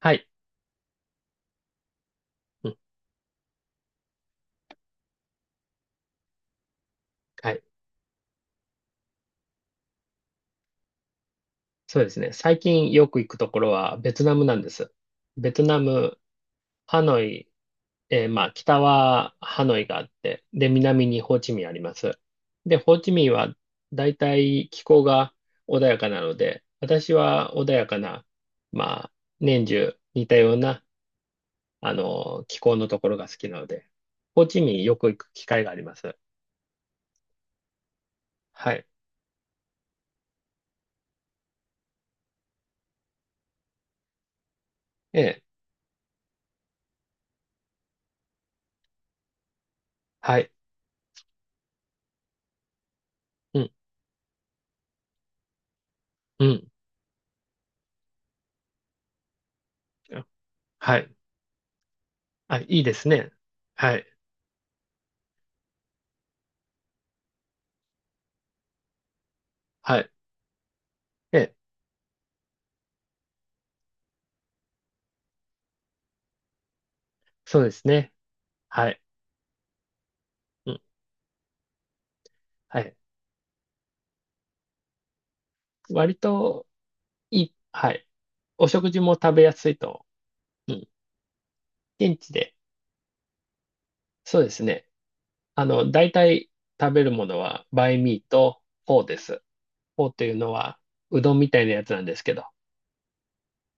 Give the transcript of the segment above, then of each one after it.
はい。うん。はい。そうですね。最近よく行くところはベトナムなんです。ベトナム、ハノイ、まあ、北はハノイがあって、で、南にホーチミンあります。で、ホーチミンはだいたい気候が穏やかなので、私は穏やかな、まあ、年中似たような、気候のところが好きなので、ホーチミンよく行く機会があります。はい。ええ、はい。うん、うん。はい。あ、いいですね。はい。はい。え、そうですね。はい。うん。はい。割といい。はい。お食事も食べやすいと。うん。現地で。そうですね。大体食べるものは、バイミーとフォーです。フォーというのは、うどんみたいなやつなんですけど。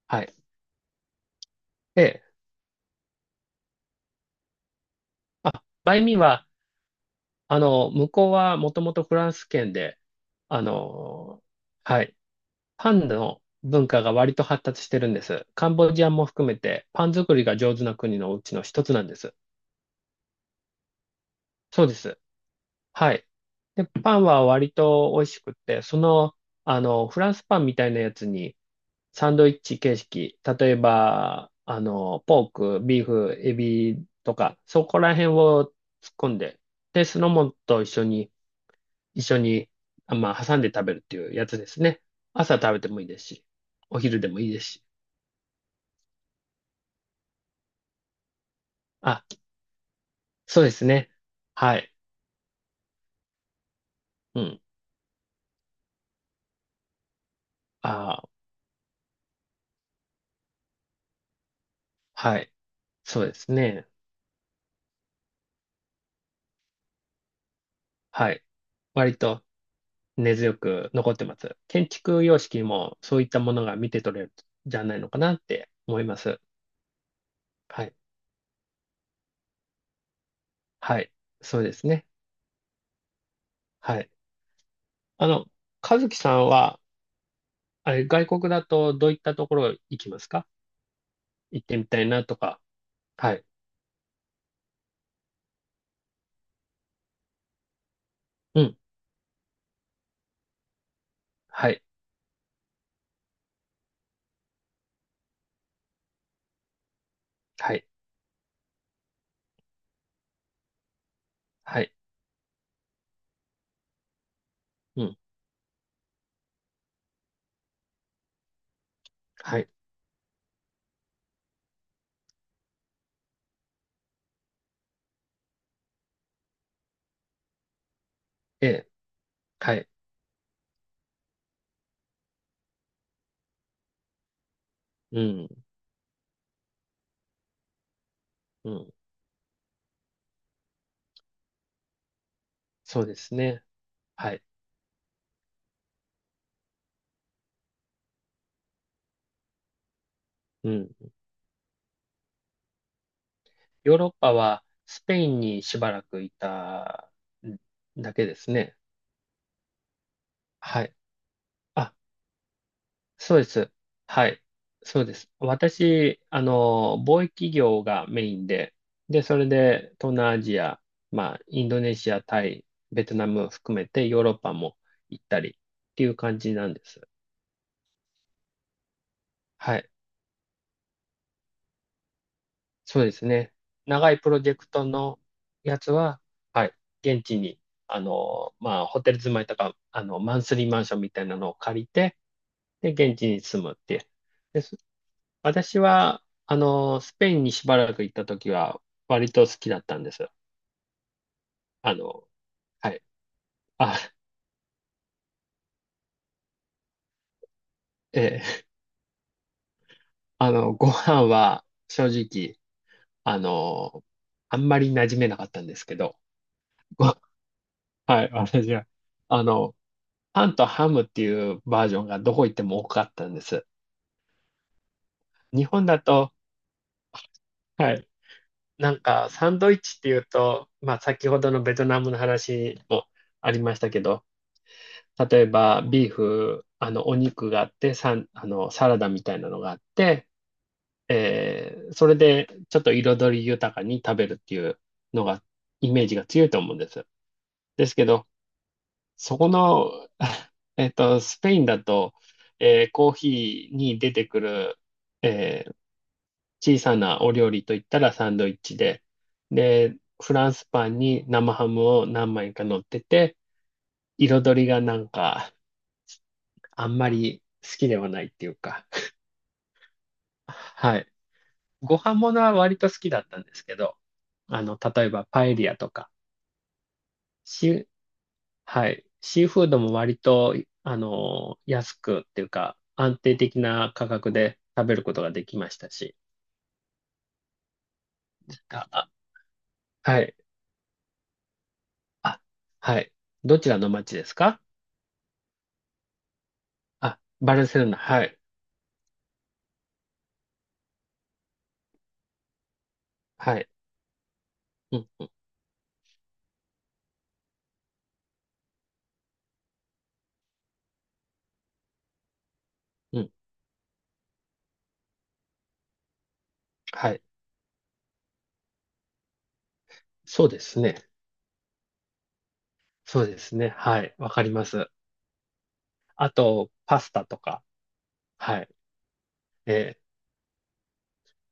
はい。で、あ、バイミーは、向こうはもともとフランス圏で、あの、はい。パンの文化が割と発達してるんです。カンボジアも含めてパン作りが上手な国のうちの一つなんです。そうです。はい。で、パンは割と美味しくって、フランスパンみたいなやつにサンドイッチ形式、例えば、ポーク、ビーフ、エビとか、そこら辺を突っ込んで、で、酢の物と一緒に、挟んで食べるっていうやつですね。朝食べてもいいですし、お昼でもいいですし。あ、そうですね。はい。うん。ああ、はい。そうですね。はい。割と根強く残ってます。建築様式もそういったものが見て取れるんじゃないのかなって思います。はい。はい。そうですね。はい。あの、和樹さんは、あれ、外国だとどういったところ行きますか？行ってみたいなとか。はい。うん。はい。はい。はい。うん。はい。ええ。はい。うん。うん。そうですね。はい。うん。ヨーロッパはスペインにしばらくいたんだけですね。はい。あ、そうです。はい。そうです。私、貿易業がメインで、で、それで東南アジア、まあ、インドネシア、タイ、ベトナム含めてヨーロッパも行ったりっていう感じなんです。はい。そうですね。長いプロジェクトのやつは、はい、現地に、まあ、ホテル住まいとか、マンスリーマンションみたいなのを借りて、で、現地に住むっていう。です。私は、スペインにしばらく行った時は、割と好きだったんです。あの、はい。あ、ええ、ご飯は、正直、あの、あんまり馴染めなかったんですけど、ご、はい、私は、あの、パンとハムっていうバージョンがどこ行っても多かったんです。日本だと、はい、なんかサンドイッチっていうと、まあ先ほどのベトナムの話もありましたけど、例えばビーフ、お肉があって、サラダみたいなのがあって、それでちょっと彩り豊かに食べるっていうのが、イメージが強いと思うんです。ですけど、そこの、スペインだと、コーヒーに出てくる、えー小さなお料理といったらサンドイッチで、で、フランスパンに生ハムを何枚か乗ってて、彩りがなんか、あんまり好きではないっていうか、はい。ご飯ものは割と好きだったんですけど、例えばパエリアとか、し、はい。シーフードも割と、安くっていうか、安定的な価格で食べることができましたし、あ、あはい。あ、はい。どちらの町ですか？あ、バルセロナ、はい。はい。うん、うん、はい。そうですね。そうですね。はい。わかります。あと、パスタとか。はい。え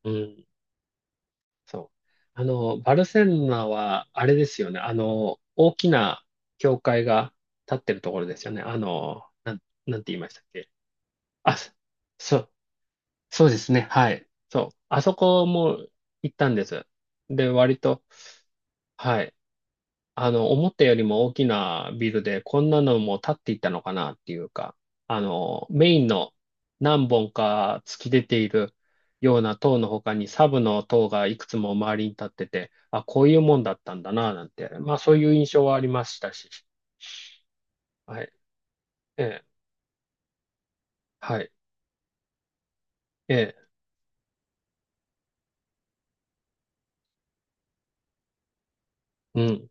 うん、そう。バルセロナは、あれですよね。大きな教会が建ってるところですよね。なんて言いましたっけ。あ、そうそうですね。はい。そう。あそこも行ったんです。で、割と、はい。思ったよりも大きなビルで、こんなのも建っていったのかなっていうか、メインの何本か突き出ているような塔の他に、サブの塔がいくつも周りに立ってて、あ、こういうもんだったんだな、なんて、まあそういう印象はありましたし。はい。ええ。はい。ええ。うん。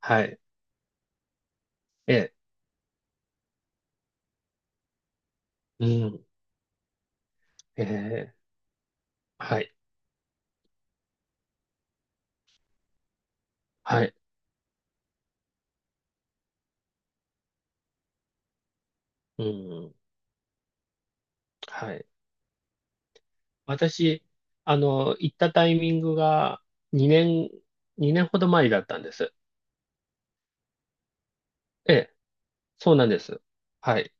はい。ええ。うん。ええ。はい。はい。うん。はい。私、行ったタイミングが2年、2年ほど前だったんです。ええ、そうなんです。はい。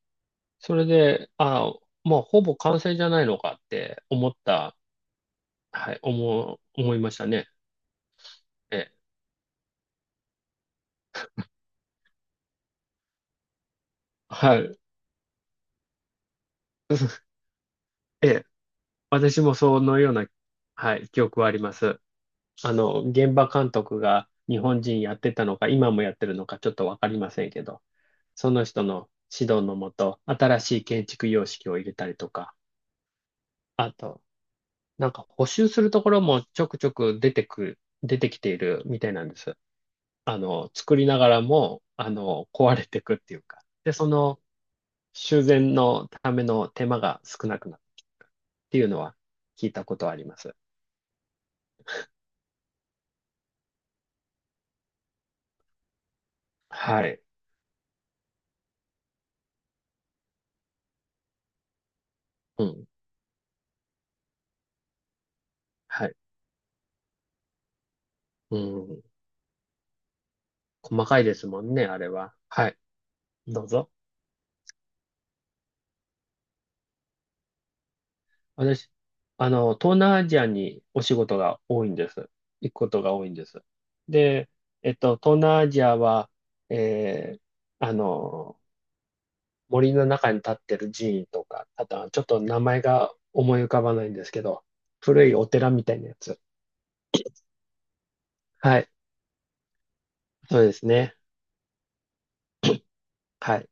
それで、ああ、まあ、ほぼ完成じゃないのかって思った、はい、思いましたね。ええ、はい。ええ、私もそのような、はい、記憶はあります。現場監督が日本人やってたのか、今もやってるのか、ちょっとわかりませんけど、その人の指導のもと、新しい建築様式を入れたりとか、あと、なんか補修するところもちょくちょく出てきているみたいなんです。作りながらも、壊れてくっていうか。で、その修繕のための手間が少なくなってきてるっていうのは聞いたことあります。はい。うん。はい。うん。細かいですもんね、あれは。はい。どうぞ。私、東南アジアにお仕事が多いんです。行くことが多いんです。で、東南アジアは、えーあの、森の中に立ってる寺院とか、あとはちょっと名前が思い浮かばないんですけど、古いお寺みたいなやつ。はい。そうですね。はい。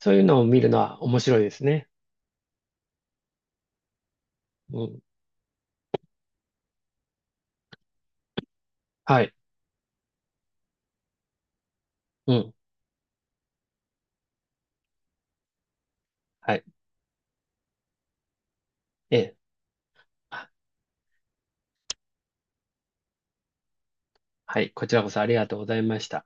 そういうのを見るのは面白いですね。うん。はい。うん。はい。ええ。あはい。こちらこそありがとうございました。